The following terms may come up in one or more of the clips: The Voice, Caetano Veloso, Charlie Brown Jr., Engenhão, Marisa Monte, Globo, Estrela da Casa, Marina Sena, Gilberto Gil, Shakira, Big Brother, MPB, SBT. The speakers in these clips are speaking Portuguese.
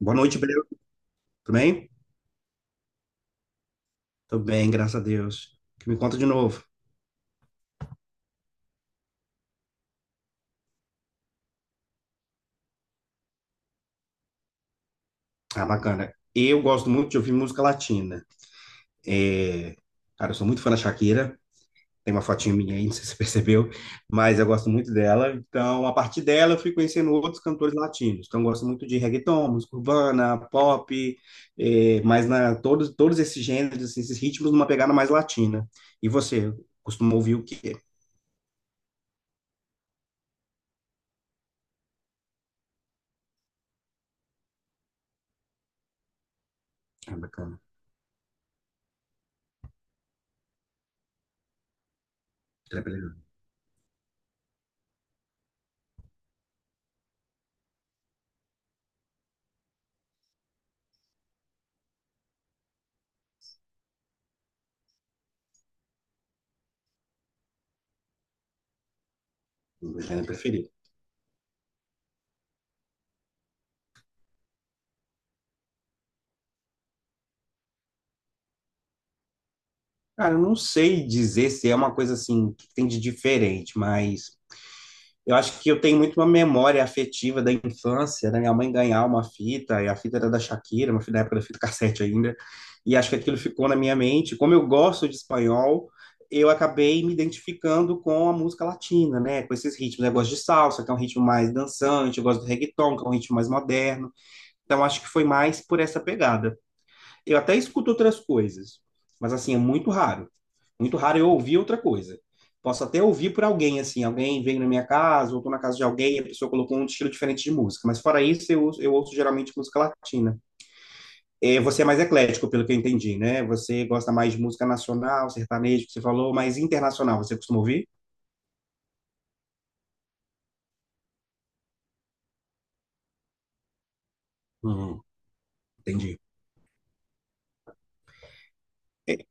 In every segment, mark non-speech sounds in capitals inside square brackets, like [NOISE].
Boa noite, Breu. Tudo bem? Tudo bem, graças a Deus. O que me conta de novo. Ah, bacana. Eu gosto muito de ouvir música latina. É, Cara, eu sou muito fã da Shakira. Tem uma fotinha minha aí, [LAUGHS] não sei se você percebeu, mas eu gosto muito dela. Então, a partir dela, eu fui conhecendo outros cantores latinos. Então, eu gosto muito de reggaeton, música urbana, pop, mas todos esses gêneros, assim, esses ritmos, numa pegada mais latina. E você, costuma ouvir o quê? Ah, bacana. Gênero preferido. Cara, eu não sei dizer se é uma coisa assim que tem de diferente, mas eu acho que eu tenho muito uma memória afetiva da infância, da minha mãe ganhar uma fita, e a fita era da Shakira, uma fita da época da fita cassete ainda, e acho que aquilo ficou na minha mente. Como eu gosto de espanhol, eu acabei me identificando com a música latina, né? Com esses ritmos. Eu gosto de salsa, que é um ritmo mais dançante, eu gosto do reggaeton, que é um ritmo mais moderno. Então acho que foi mais por essa pegada. Eu até escuto outras coisas, mas assim, é muito raro. Muito raro eu ouvir outra coisa. Posso até ouvir por alguém, assim, alguém veio na minha casa, ou tô na casa de alguém, e a pessoa colocou um estilo diferente de música. Mas fora isso, eu ouço geralmente música latina. É, você é mais eclético, pelo que eu entendi, né? Você gosta mais de música nacional, sertanejo, que você falou, mas internacional, você costuma ouvir? Uhum. Entendi. É,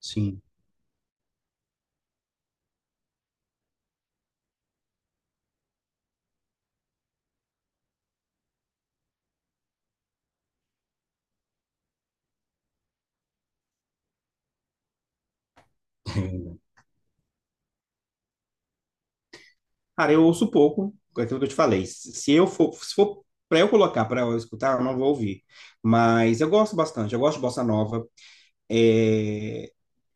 sim. [LAUGHS] Cara, eu ouço pouco, é aquilo que eu te falei. Se eu for, se for para eu colocar, para eu escutar, eu não vou ouvir. Mas eu gosto bastante, eu gosto de bossa nova. é,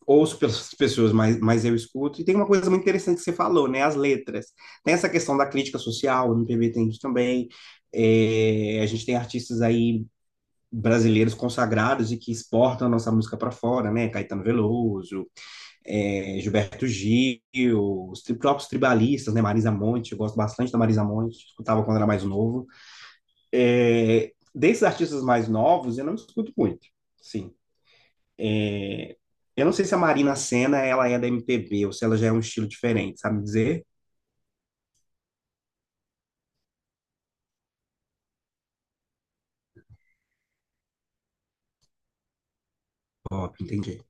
Ouço pelas [LAUGHS] pessoas, mas eu escuto. E tem uma coisa muito interessante que você falou, né? As letras. Tem essa questão da crítica social, no M P B tem isso também. É, a gente tem artistas aí brasileiros consagrados e que exportam a nossa música para fora, né? Caetano Veloso, Gilberto Gil, os próprios tribalistas, né? Marisa Monte, eu gosto bastante da Marisa Monte, escutava quando era mais novo. É, desses artistas mais novos, eu não escuto muito, sim. Eu não sei se a Marina Sena ela é da MPB ou se ela já é um estilo diferente, sabe dizer? Pop, entendi.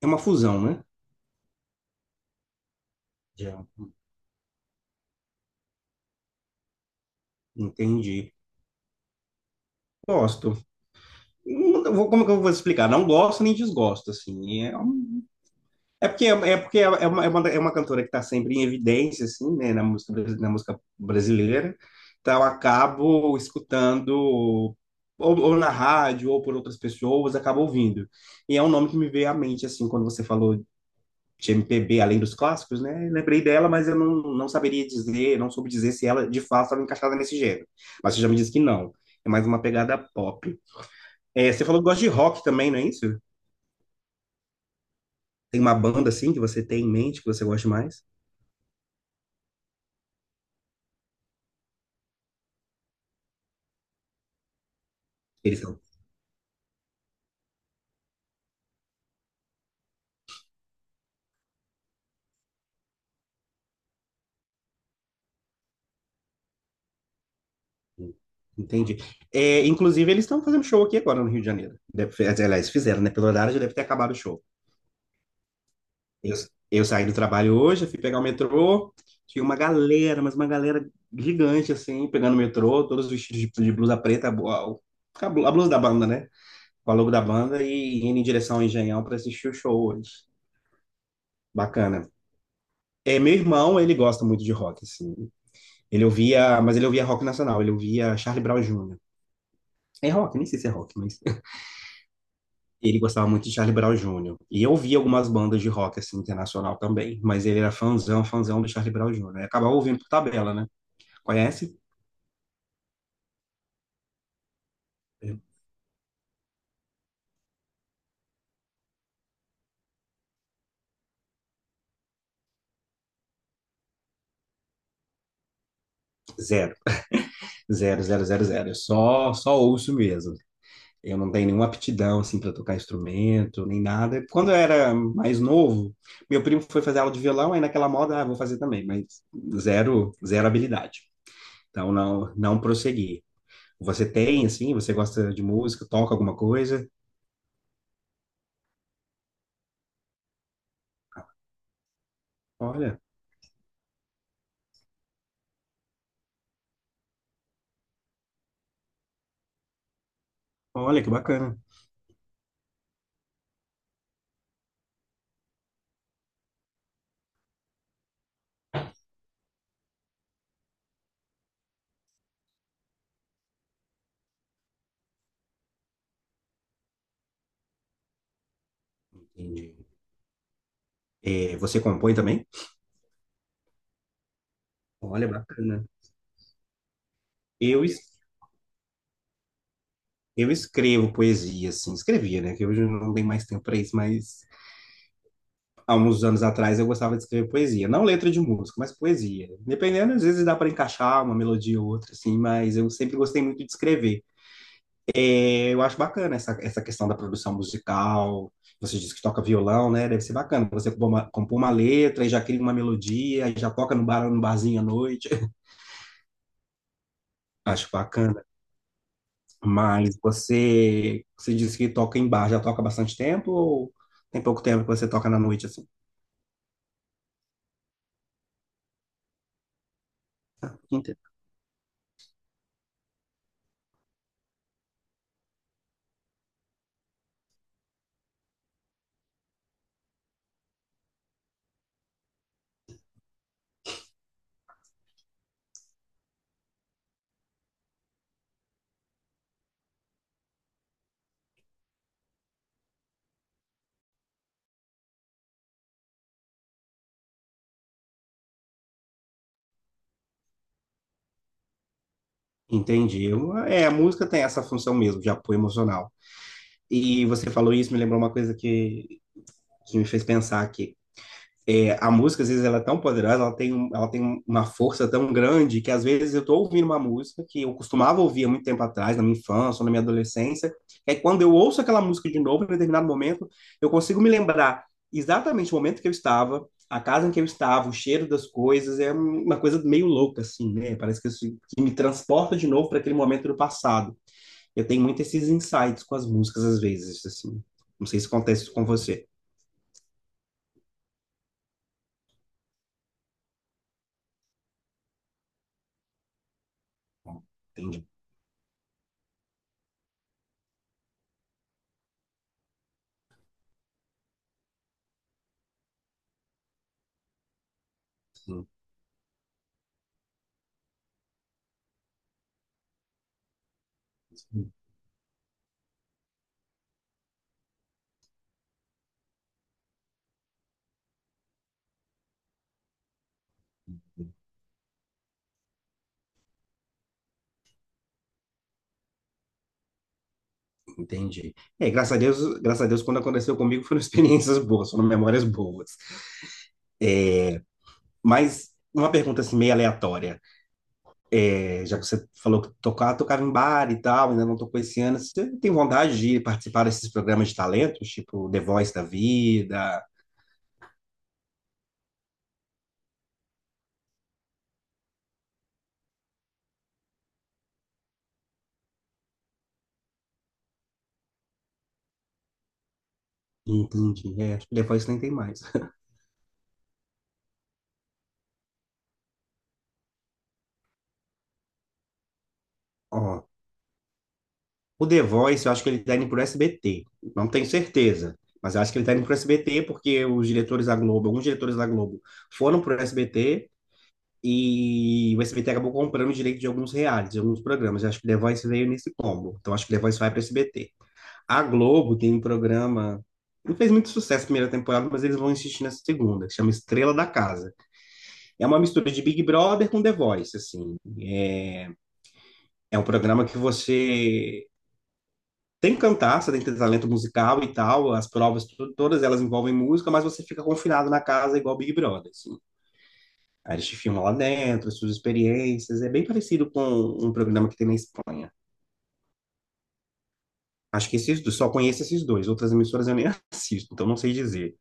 É uma fusão, né? Já. Entendi. Gosto. Como que eu vou explicar? Não gosto nem desgosto, assim. É porque, é porque é uma, é uma cantora que está sempre em evidência, assim, né, na música, na música brasileira. Então, eu acabo escutando, ou na rádio, ou por outras pessoas, acabo ouvindo. E é um nome que me veio à mente, assim, quando você falou de MPB, além dos clássicos, né? Lembrei dela, mas eu não, não saberia dizer, não soube dizer se ela, de fato, estava encaixada nesse gênero. Mas você já me disse que não. É mais uma pegada pop. É, você falou que gosta de rock também, não é isso? Tem uma banda, assim, que você tem em mente, que você gosta mais? Entendi. É, inclusive, eles estão fazendo show aqui agora no Rio de Janeiro. Deve, aliás, fizeram, né? Pelo horário já deve ter acabado o show. Eu, eu saí do trabalho hoje, fui pegar o metrô. Tinha uma galera, mas uma galera gigante, assim, pegando o metrô, todos vestidos de blusa preta, a blusa da banda, né? Com a logo da banda e indo em direção ao Engenhão para assistir o show hoje. Bacana. É, meu irmão, ele gosta muito de rock, assim. Ele ouvia, mas ele ouvia rock nacional, ele ouvia Charlie Brown Jr. É rock, nem sei se é rock, mas ele gostava muito de Charlie Brown Júnior. E eu ouvia algumas bandas de rock assim internacional também, mas ele era fãzão do Charlie Brown Júnior. E acabava ouvindo por tabela, né? Conhece? Zero, zero. Eu Só, ouço mesmo. Eu não tenho nenhuma aptidão assim para tocar instrumento, nem nada. Quando eu era mais novo, meu primo foi fazer aula de violão, aí naquela moda, ah, vou fazer também, mas zero, zero habilidade. Então não prossegui. Você tem assim, você gosta de música, toca alguma coisa? Olha, olha que bacana. Entendi. É, você compõe também? Olha, bacana. Eu, es- eu escrevo poesia, assim, escrevia, né? Que hoje eu não tenho mais tempo para isso, mas há uns anos atrás eu gostava de escrever poesia. Não letra de música, mas poesia. Dependendo, às vezes dá para encaixar uma melodia ou outra, assim, mas eu sempre gostei muito de escrever. É, eu acho bacana essa questão da produção musical. Você diz que toca violão, né? Deve ser bacana. Você compõe uma letra e já cria uma melodia, aí já toca no bar, no barzinho à noite. [LAUGHS] Acho bacana. Mas você disse que toca em bar, já toca há bastante tempo ou tem pouco tempo que você toca na noite assim? Ente- Entendi. É, a música tem essa função mesmo de apoio emocional. E você falou isso, me lembrou uma coisa que me fez pensar aqui. É, a música, às vezes, ela é tão poderosa, ela ela tem uma força tão grande que, às vezes, eu estou ouvindo uma música que eu costumava ouvir há muito tempo atrás, na minha infância ou na minha adolescência, e aí quando eu ouço aquela música de novo, em determinado momento, eu consigo me lembrar exatamente o momento que eu estava, a casa em que eu estava, o cheiro das coisas, é uma coisa meio louca, assim, né? Parece que me transporta de novo para aquele momento do passado. Eu tenho muito esses insights com as músicas, às vezes, assim. Não sei se acontece isso com você. Entendi. Entendi. É, graças a Deus, quando aconteceu comigo foram [LAUGHS] experiências boas, foram memórias boas. Mas uma pergunta assim meio aleatória, é, já que você falou que tocava em bar e tal, ainda não tocou esse ano, você tem vontade de participar desses programas de talentos, tipo The Voice da vida? Entendi, é, acho que The Voice nem tem mais. Ó, o The Voice, eu acho que ele tá indo pro SBT, não tenho certeza. Mas eu acho que ele tá indo pro SBT porque os diretores da Globo, alguns diretores da Globo foram pro SBT. E o SBT acabou comprando o direito de alguns realities, de alguns programas. Eu acho que The Voice veio nesse combo. Então acho que The Voice vai para o SBT. A Globo tem um programa. Não fez muito sucesso na primeira temporada, mas eles vão insistir nessa segunda, que chama Estrela da Casa. É uma mistura de Big Brother com The Voice, assim. É, é um programa que você tem que cantar, você tem que ter talento musical e tal. As provas, todas elas envolvem música, mas você fica confinado na casa igual Big Brother, assim. Aí eles te filmam lá dentro, suas experiências. É bem parecido com um programa que tem na Espanha. Acho que esses dois, só conheço esses dois. Outras emissoras eu nem [LAUGHS] assisto, então não sei dizer.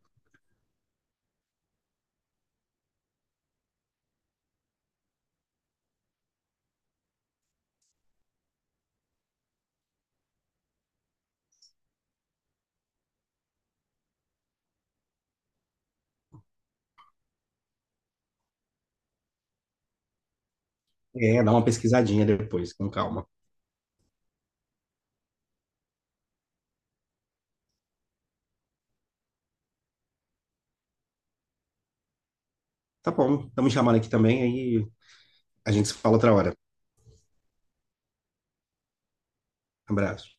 É, dá uma pesquisadinha depois, com calma. Tá bom, estamos chamando aqui também, aí a gente se fala outra hora. Abraço.